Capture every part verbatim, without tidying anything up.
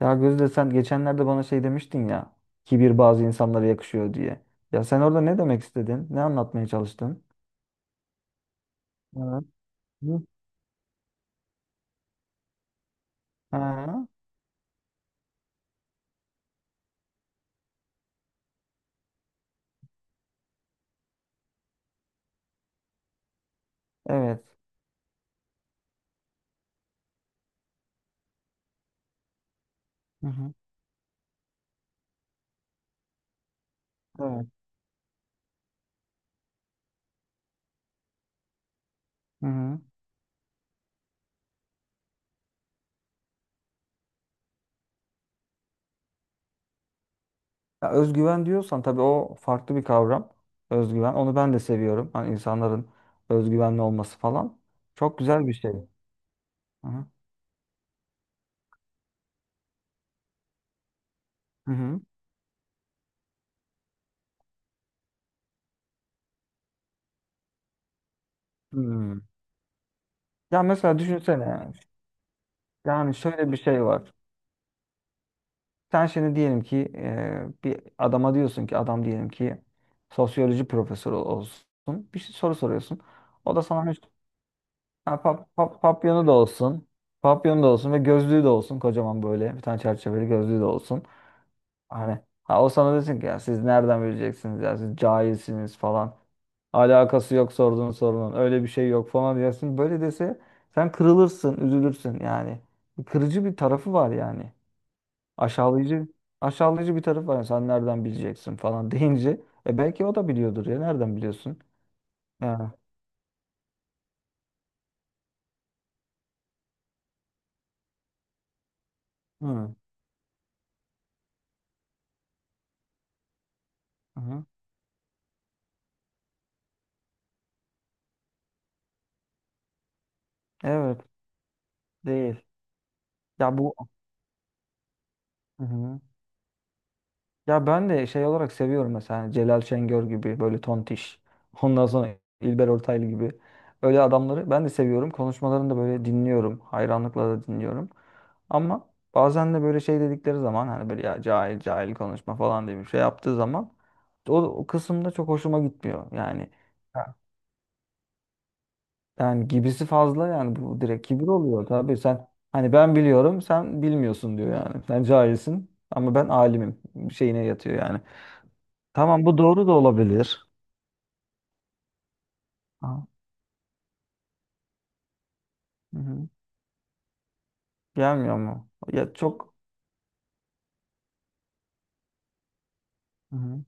Ya Gözde sen geçenlerde bana şey demiştin ya. Kibir bazı insanlara yakışıyor diye. Ya sen orada ne demek istedin? Ne anlatmaya çalıştın? Evet. Hı. Ha, evet. Hı hı. Evet. Hı hı. Ya özgüven diyorsan tabii o farklı bir kavram. Özgüven. Onu ben de seviyorum. Hani insanların özgüvenli olması falan. Çok güzel bir şey. Hı hı. Hı hı. Hmm. Ya mesela düşünsene. Yani şöyle bir şey var. Sen şimdi diyelim ki eee, bir adama diyorsun ki adam diyelim ki sosyoloji profesörü olsun. Bir şey soru soruyorsun. O da sana hiç- ha, pap, pap- papyonu da olsun. Papyonu da olsun ve gözlüğü de olsun. Kocaman böyle bir tane çerçeveli gözlüğü de olsun. Hani ha, o sana desin ki ya siz nereden bileceksiniz ya siz cahilsiniz falan. Alakası yok sorduğun sorunun. Öyle bir şey yok falan diyorsun. Böyle dese sen kırılırsın, üzülürsün yani. Kırıcı bir tarafı var yani. Aşağılayıcı aşağılayıcı bir taraf var. Yani sen nereden bileceksin falan deyince e belki o da biliyordur ya. Nereden biliyorsun? Ya. Hı. Hı. Evet, değil. Ya bu. Hı hı. Ya ben de şey olarak seviyorum mesela hani Celal Şengör gibi böyle tontiş. Ondan sonra İlber Ortaylı gibi öyle adamları ben de seviyorum. Konuşmalarını da böyle dinliyorum. Hayranlıkla da dinliyorum. Ama bazen de böyle şey dedikleri zaman hani böyle ya cahil cahil konuşma falan diye bir şey yaptığı zaman o, o kısımda çok hoşuma gitmiyor. Yani. Ha. Yani gibisi fazla yani bu direkt kibir oluyor tabii sen hani ben biliyorum sen bilmiyorsun diyor yani. Sen cahilsin ama ben alimim şeyine yatıyor yani. Tamam bu doğru da olabilir. Aha, hı hı. Gelmiyor mu? Ya çok. Hı hı.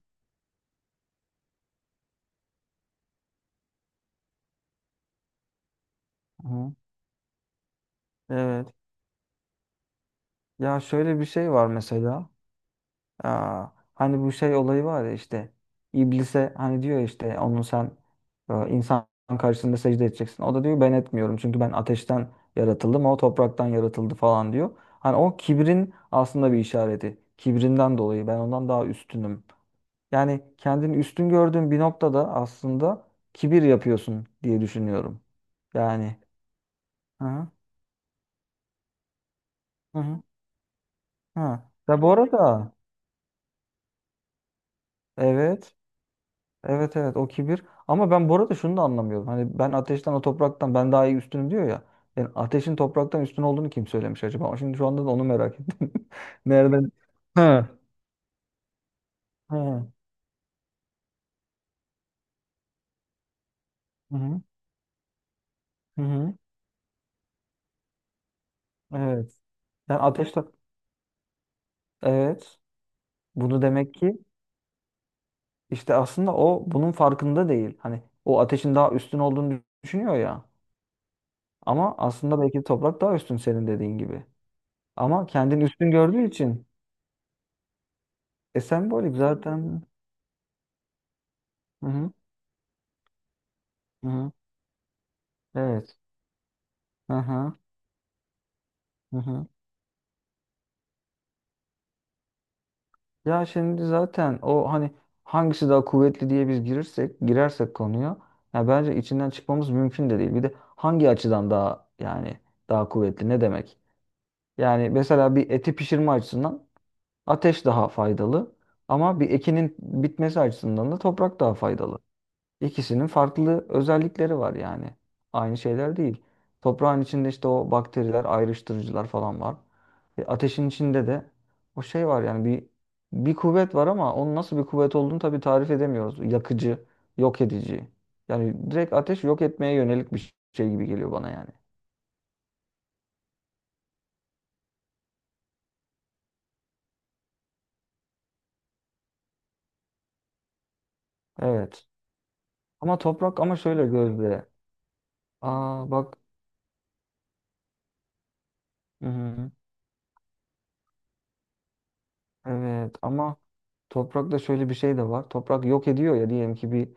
Hı hı. Evet. Ya şöyle bir şey var mesela. Aa, hani bu şey olayı var ya işte iblise hani diyor işte onu sen e, insan karşısında secde edeceksin. O da diyor ben etmiyorum çünkü ben ateşten yaratıldım o topraktan yaratıldı falan diyor. Hani o kibrin aslında bir işareti. Kibrinden dolayı ben ondan daha üstünüm. Yani kendini üstün gördüğün bir noktada aslında kibir yapıyorsun diye düşünüyorum. Yani. Hı hı. Hı hı. Hı. Ya bu arada evet. Evet evet o kibir. Ama ben bu arada şunu da anlamıyorum. Hani ben ateşten o topraktan ben daha iyi üstünüm diyor ya. Yani ateşin topraktan üstün olduğunu kim söylemiş acaba? Ama şimdi şu anda da onu merak ettim. Nereden? Ha. He. Hı hı. Hı hı. Evet. Yani ateşten evet. Bunu demek ki işte aslında o bunun farkında değil. Hani o ateşin daha üstün olduğunu düşünüyor ya. Ama aslında belki de toprak daha üstün senin dediğin gibi. Ama kendini üstün gördüğü için e sembolik zaten. Hı hı. Hı hı. Evet. Hı hı, hı hı. Ya şimdi zaten o hani hangisi daha kuvvetli diye biz girirsek girersek konuya ya bence içinden çıkmamız mümkün de değil. Bir de hangi açıdan daha yani daha kuvvetli ne demek? Yani mesela bir eti pişirme açısından ateş daha faydalı ama bir ekinin bitmesi açısından da toprak daha faydalı. İkisinin farklı özellikleri var yani. Aynı şeyler değil. Toprağın içinde işte o bakteriler, ayrıştırıcılar falan var. E, ateşin içinde de o şey var yani bir bir kuvvet var ama onun nasıl bir kuvvet olduğunu tabii tarif edemiyoruz. Yakıcı, yok edici. Yani direkt ateş yok etmeye yönelik bir şey gibi geliyor bana yani. Evet. Ama toprak ama şöyle Gözde. Aa bak. Hı-hı. Evet ama toprakta şöyle bir şey de var. Toprak yok ediyor ya diyelim ki bir.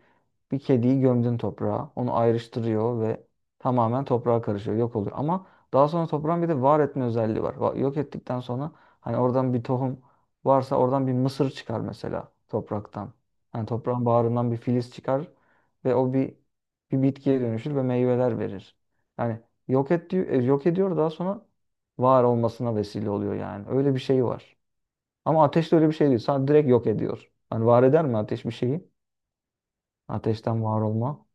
Bir kediyi gömdün toprağa. Onu ayrıştırıyor ve tamamen toprağa karışıyor. Yok oluyor. Ama daha sonra toprağın bir de var etme özelliği var. Va- Yok ettikten sonra hani oradan bir tohum varsa oradan bir mısır çıkar mesela topraktan. Hani toprağın bağrından bir filiz çıkar ve o bir bir bitkiye dönüşür ve meyveler verir. Yani yok et diyor, e, yok ediyor daha sonra var olmasına vesile oluyor yani. Öyle bir şey var. Ama ateş de öyle bir şey değil. Sadece direkt yok ediyor. Hani var eder mi ateş bir şeyi? Ateşten var olma.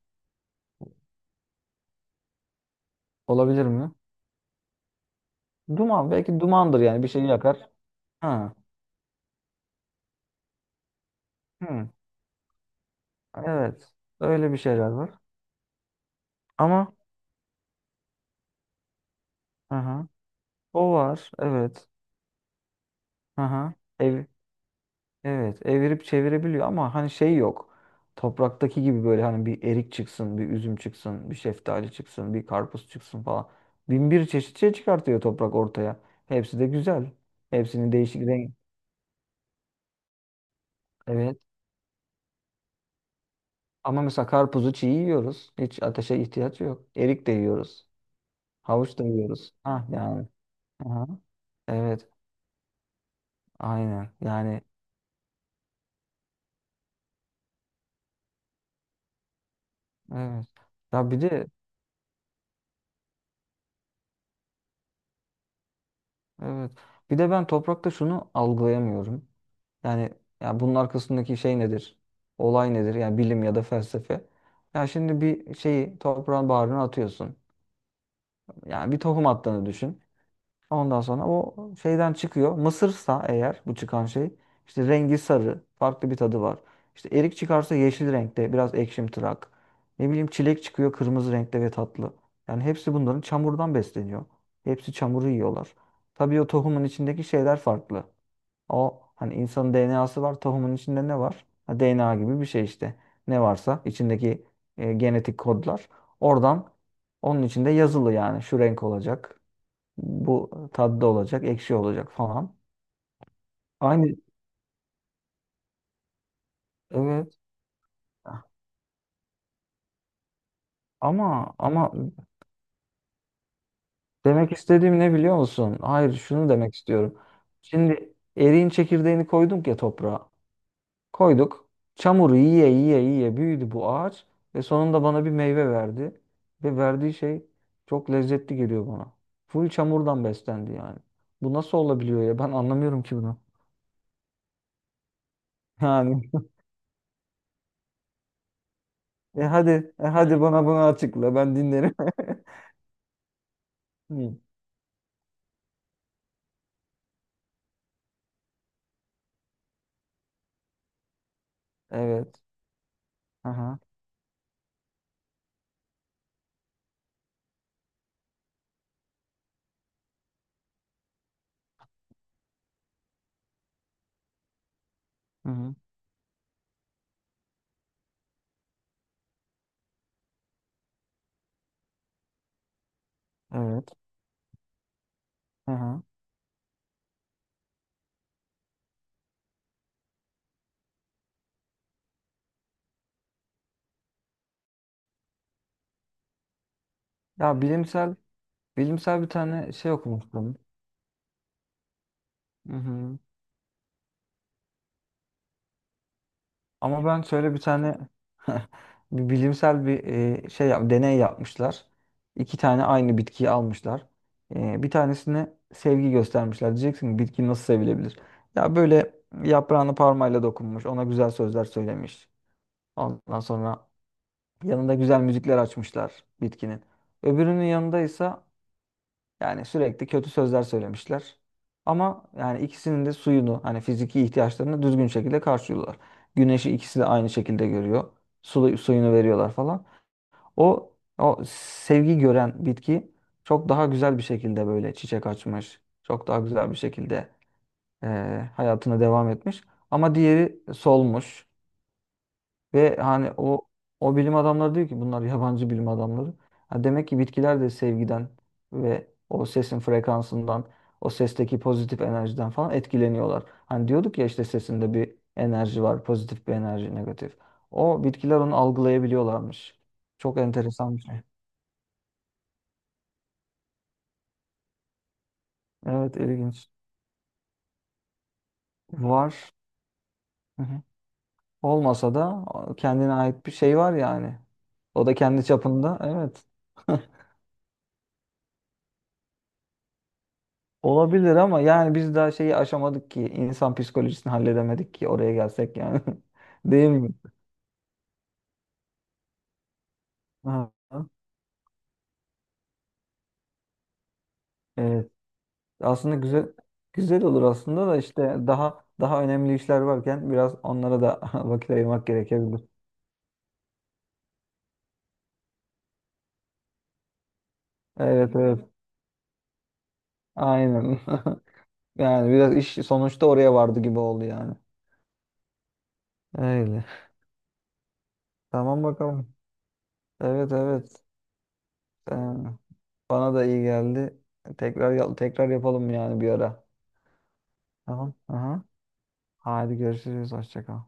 Olabilir mi? Duman. Belki dumandır yani. Bir şey yakar. Ha. Hı. Evet. Öyle bir şeyler var. Ama aha, o var. Evet. Aha. Ev, evet. Evirip çevirebiliyor ama hani şey yok. Topraktaki gibi böyle hani bir erik çıksın, bir üzüm çıksın, bir şeftali çıksın, bir karpuz çıksın falan. Bin bir çeşit şey çıkartıyor toprak ortaya. Hepsi de güzel. Hepsinin değişik renk. Evet. Ama mesela karpuzu çiğ yiyoruz. Hiç ateşe ihtiyaç yok. Erik de yiyoruz. Havuç da yiyoruz. Ha yani. Aha. Evet. Aynen. Yani evet. Ya bir de evet. Bir de ben toprakta şunu algılayamıyorum. Yani ya bunun arkasındaki şey nedir? Olay nedir? Yani bilim ya da felsefe. Ya şimdi bir şeyi toprağın bağrına atıyorsun. Yani bir tohum attığını düşün. Ondan sonra o şeyden çıkıyor. Mısırsa eğer bu çıkan şey işte rengi sarı, farklı bir tadı var. İşte erik çıkarsa yeşil renkte, biraz ekşimtırak. Ne bileyim çilek çıkıyor kırmızı renkte ve tatlı. Yani hepsi bunların çamurdan besleniyor. Hepsi çamuru yiyorlar. Tabii o tohumun içindeki şeyler farklı. O hani insanın D N A'sı var, tohumun içinde ne var? Ha, D N A gibi bir şey işte. Ne varsa içindeki e, genetik kodlar oradan onun içinde yazılı yani şu renk olacak. Bu tatlı olacak, ekşi olacak falan. Aynı evet. Ama ama demek istediğim ne biliyor musun? Hayır, şunu demek istiyorum. Şimdi eriğin çekirdeğini koyduk ya toprağa. Koyduk. Çamuru yiye yiye yiye büyüdü bu ağaç ve sonunda bana bir meyve verdi. Ve verdiği şey çok lezzetli geliyor bana. Full çamurdan beslendi yani. Bu nasıl olabiliyor ya? Ben anlamıyorum ki bunu. Yani e hadi e hadi bana bunu açıkla ben dinlerim. Hı. Evet. Aha, hı hı, hı. Evet. Aha. Ya bilimsel Bilimsel bir tane şey okumuştum. Hı hı. Ama ben şöyle bir tane bir bilimsel bir e, şey yap, deney yapmışlar. İki tane aynı bitkiyi almışlar. E, bir tanesine sevgi göstermişler. Diyeceksin ki bitki nasıl sevilebilir? Ya böyle yaprağını parmayla dokunmuş, ona güzel sözler söylemiş. Ondan sonra yanında güzel müzikler açmışlar bitkinin. Öbürünün yanında ise yani sürekli kötü sözler söylemişler. Ama yani ikisinin de suyunu hani fiziki ihtiyaçlarını düzgün şekilde karşılıyorlar. Güneşi ikisi de aynı şekilde görüyor. Su, suyunu veriyorlar falan. O o sevgi gören bitki çok daha güzel bir şekilde böyle çiçek açmış. Çok daha güzel bir şekilde eee, hayatına devam etmiş. Ama diğeri solmuş. Ve hani o o bilim adamları diyor ki bunlar yabancı bilim adamları. Ha demek ki bitkiler de sevgiden ve o sesin frekansından, o sesteki pozitif enerjiden falan etkileniyorlar. Hani diyorduk ya işte sesinde bir enerji var, pozitif bir enerji, negatif. O bitkiler onu algılayabiliyorlarmış. Çok enteresan bir şey. Evet, ilginç. Var. Hı hı. Olmasa da kendine ait bir şey var yani. O da kendi çapında. Evet. Olabilir ama yani biz daha şeyi aşamadık ki. İnsan psikolojisini halledemedik ki oraya gelsek yani. Değil mi? Aha. Evet. Aslında güzel güzel olur aslında da işte daha daha önemli işler varken biraz onlara da vakit ayırmak gerekebilir. Evet evet. Aynen. Yani biraz iş sonuçta oraya vardı gibi oldu yani. Öyle. Tamam bakalım. Evet evet. Ee, bana da iyi geldi. Tekrar yap- tekrar yapalım yani bir ara. Tamam. Aha. Hadi görüşürüz. Hoşça kal.